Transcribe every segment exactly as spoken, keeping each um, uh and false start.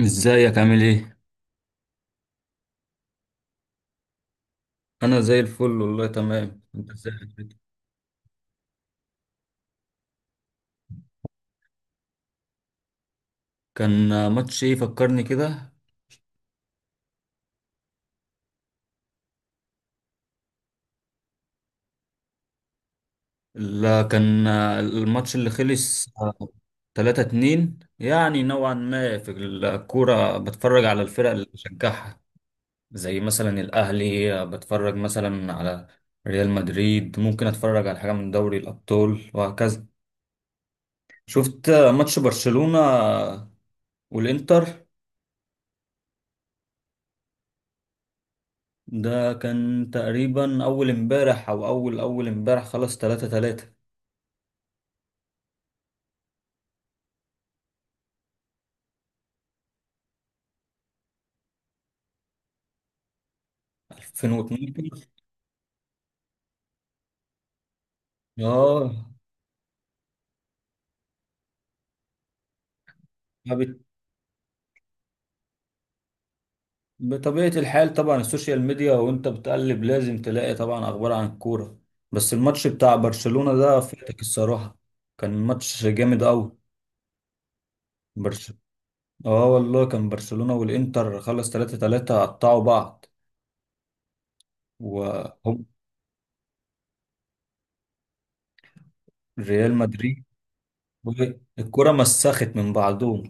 ازيك، عامل ايه؟ انا زي الفل والله، تمام. انت ازاي حالك؟ كان ماتش ايه؟ فكرني كده. لا، كان الماتش اللي خلص تلاتة اتنين. يعني نوعا ما في الكورة بتفرج على الفرق اللي بشجعها، زي مثلا الاهلي، بتفرج مثلا على ريال مدريد، ممكن اتفرج على حاجة من دوري الابطال وهكذا. شفت ماتش برشلونة والانتر. ده كان تقريبا أول امبارح أو أول أول امبارح، خلاص، تلاتة تلاتة، ألفين واتناشر. اه. فبت- بطبيعة الحال، طبعا السوشيال ميديا وأنت بتقلب لازم تلاقي طبعا أخبار عن الكورة. بس الماتش بتاع برشلونة ده فاتك الصراحة. كان ماتش جامد أوي. برش اه والله، كان برشلونة والإنتر، خلص تلاتة تلاتة، قطعوا بعض وهم ريال مدريد. الكرة مسخت من بعضهم.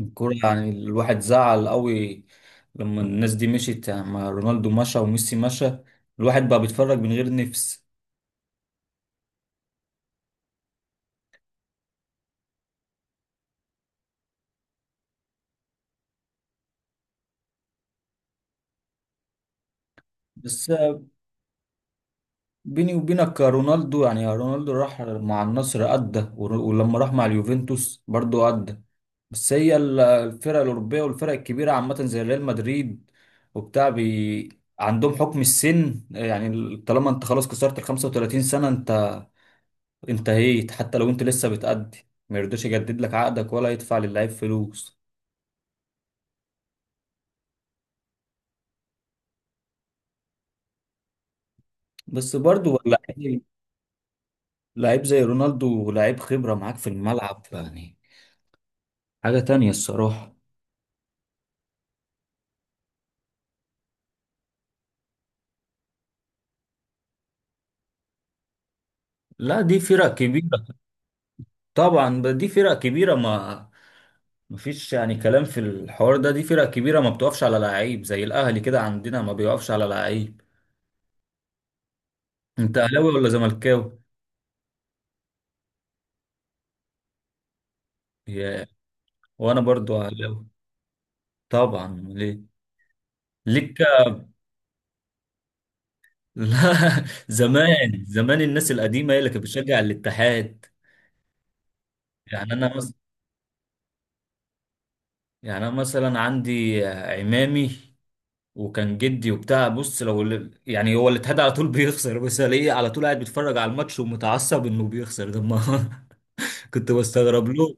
الكورة يعني الواحد زعل قوي لما الناس دي مشيت، يعني ما رونالدو مشى وميسي مشى، الواحد بقى بيتفرج من غير نفس. بس بيني وبينك، يا رونالدو، يعني يا رونالدو راح مع النصر أدى ور- ولما راح مع اليوفنتوس برضو أدى. بس هي ال- الفرق الأوروبية والفرق الكبيرة عامة، زي ريال مدريد وبتاع بي، عندهم حكم السن. يعني طالما انت خلاص كسرت ال 35 سنة، انت انتهيت، حتى لو انت لسه بتأدي ما يرضاش يجدد لك عقدك ولا يدفع للعيب فلوس. بس برضو لعيب، لعيب زي رونالدو، لعيب خبرة معاك في الملعب، يعني حاجة تانية الصراحة. لا، دي فرق كبيرة. طبعا، ب- دي فرق كبيرة، ما مفيش يعني كلام في الحوار ده، دي فرق كبيرة، ما بتقفش على لعيب. زي الأهلي كده عندنا، ما بيقفش على لعيب. أنت أهلاوي ولا زملكاوي؟ يا، وأنا برضو أهلاوي. طبعا ليه؟ ليك لا، زمان زمان الناس القديمة هي اللي كانت بتشجع الاتحاد. يعني أنا مثلا يعني أنا مثلا عندي عمامي، وكان جدي وبتاع. بص، لو ال- يعني هو اللي اتهدى على طول بيخسر، بس الاقيه على طول قاعد بيتفرج على الماتش ومتعصب انه بيخسر ده، ما كنت بستغرب له.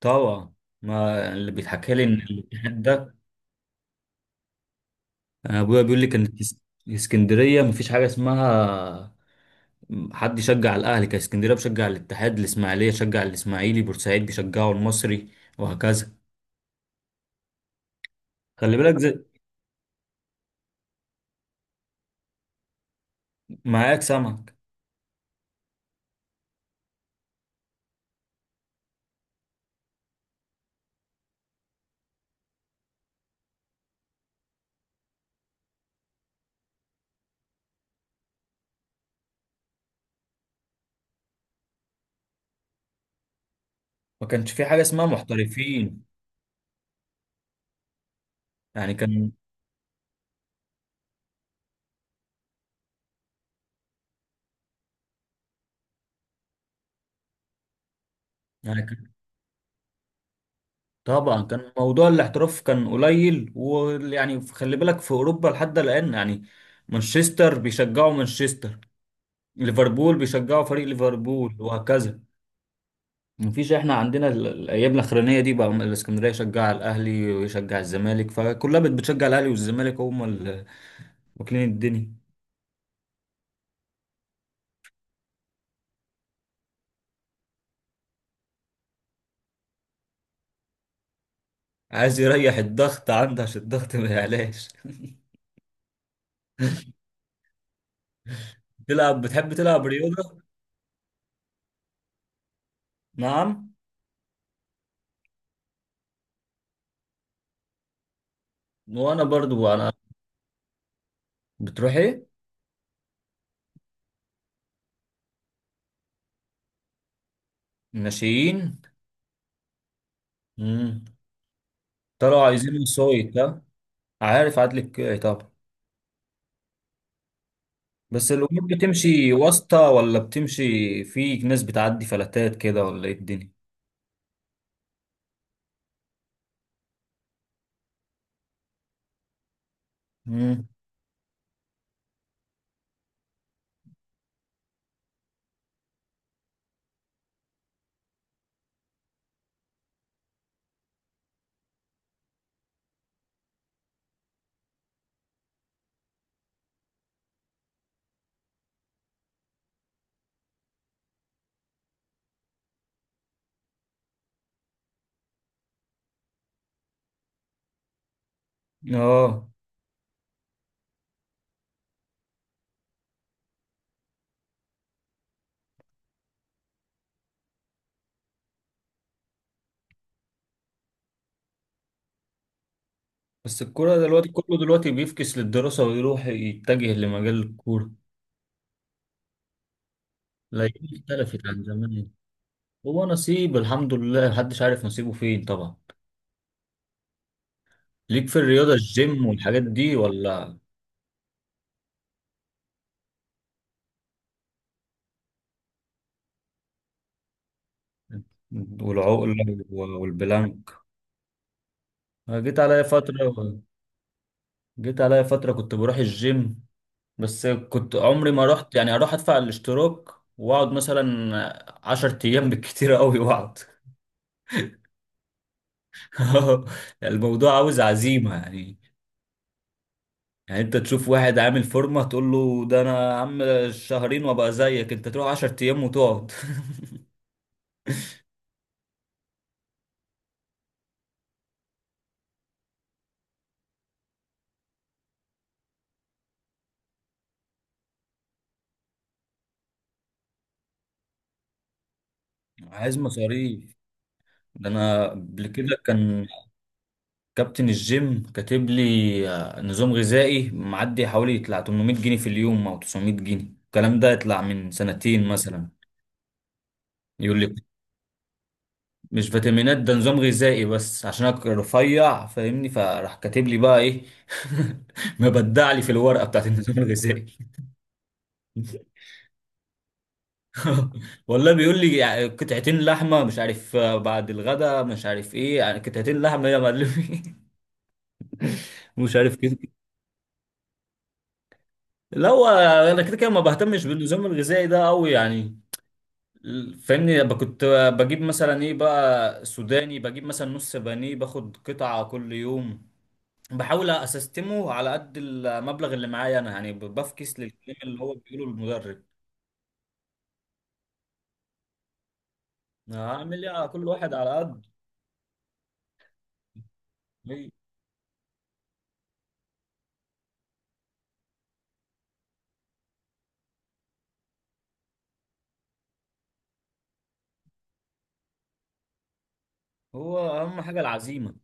طبعا، ما اللي بيتحكى لي ان الاتحاد ده، أنا ابويا بيقول لي كانت اس- اسكندريه مفيش حاجه اسمها حد يشجع الاهلي. كان اسكندريه بشجع الاتحاد، الاسماعيليه شجع الاسماعيلي، بورسعيد بيشجعوا المصري، وهكذا. خلي بالك، زي معاك سمك. ما كانش في حاجه اسمها محترفين. يعني كان، يعني طبعا كان موضوع الاحتراف كان قليل، ويعني خلي بالك، في اوروبا لحد الان يعني مانشستر بيشجعوا مانشستر، ليفربول بيشجعوا فريق ليفربول، وهكذا. مفيش. احنا عندنا ال- الايام الاخرانيه دي بقى، الاسكندريه يشجع الاهلي ويشجع الزمالك، فكلها بت- بتشجع الاهلي والزمالك، هم اللي واكلين الدنيا. عايز يريح الضغط عنده عشان الضغط ما يعلاش. تلعب، بتحب تلعب رياضه؟ نعم. وانا برضو انا بتروح ايه؟ ناشئين. طلعوا عايزين وسايط، ها. عارف عدل الكيعي طبعا. بس الامور بتمشي واسطه، ولا بتمشي في ناس بتعدي فلتات كده، ولا ايه الدنيا؟ امم، اه. بس الكوره دلوقتي كله دلوقتي بيفكس للدراسه ويروح يتجه لمجال الكوره. لا، اختلفت عن زمان. هو نصيب، الحمد لله. محدش عارف نصيبه فين طبعا. ليك في الرياضه، الجيم والحاجات دي ولا؟ والعقله والبلانك. أنا جيت عليا فتره جيت عليا فتره كنت بروح الجيم. بس كنت عمري ما رحت، يعني اروح ادفع الاشتراك واقعد مثلا عشر ايام بالكتير قوي واقعد. الموضوع عاوز عزيمة يعني. يعني انت تشوف واحد عامل فورمة، تقول له ده انا يا عم شهرين وابقى زيك، انت تروح عشر ايام وتقعد. عايز مصاريف. ده انا قبل كده كان كابتن الجيم كاتب لي، آه، نظام غذائي، معدي حوالي يطلع ثمانمائة جنيه في اليوم او تسعمائة جنيه، الكلام ده يطلع من سنتين مثلا. يقول لي، مش فيتامينات، ده نظام غذائي، بس عشان انا رفيع فاهمني، فراح كاتب لي بقى ايه مبدع لي في الورقه بتاعت النظام الغذائي. والله بيقول لي، يع- قطعتين لحمه مش عارف آه، بعد الغداء مش عارف ايه، يعني قطعتين لحمه يا معلمي مش عارف كده. لا، هو انا كده كده ما بهتمش بالنظام الغذائي ده قوي يعني. فاهمني، ب- كنت بجيب مثلا ايه بقى، سوداني، بجيب مثلا نص بانيه، باخد قطعه كل يوم، بحاول اسستمه على قد المبلغ اللي معايا انا. يعني ب- بفكس للكلام اللي هو بيقوله المدرب. هعمل ايه؟ على كل واحد على قد هي- هو. اهم حاجه العزيمه.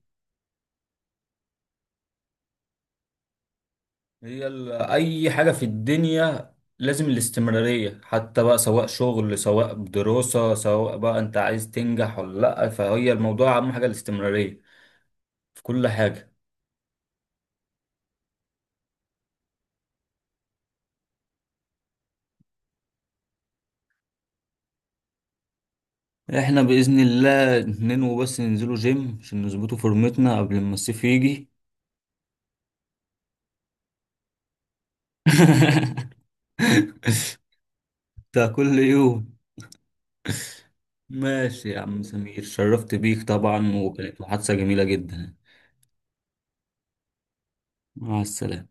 هي ال... اي حاجه في الدنيا لازم الاستمراريه، حتى بقى سواء شغل، سواء دراسه، سواء بقى انت عايز تنجح ولا لا، فهي الموضوع اهم حاجه الاستمراريه في كل حاجه. احنا باذن الله ننوي بس ننزلوا جيم عشان نظبطوا فورمتنا قبل ما الصيف يجي. بتاع كل يوم. ماشي يا عم سمير، شرفت بيك طبعا، وكانت محادثة جميلة جدا. مع السلامة.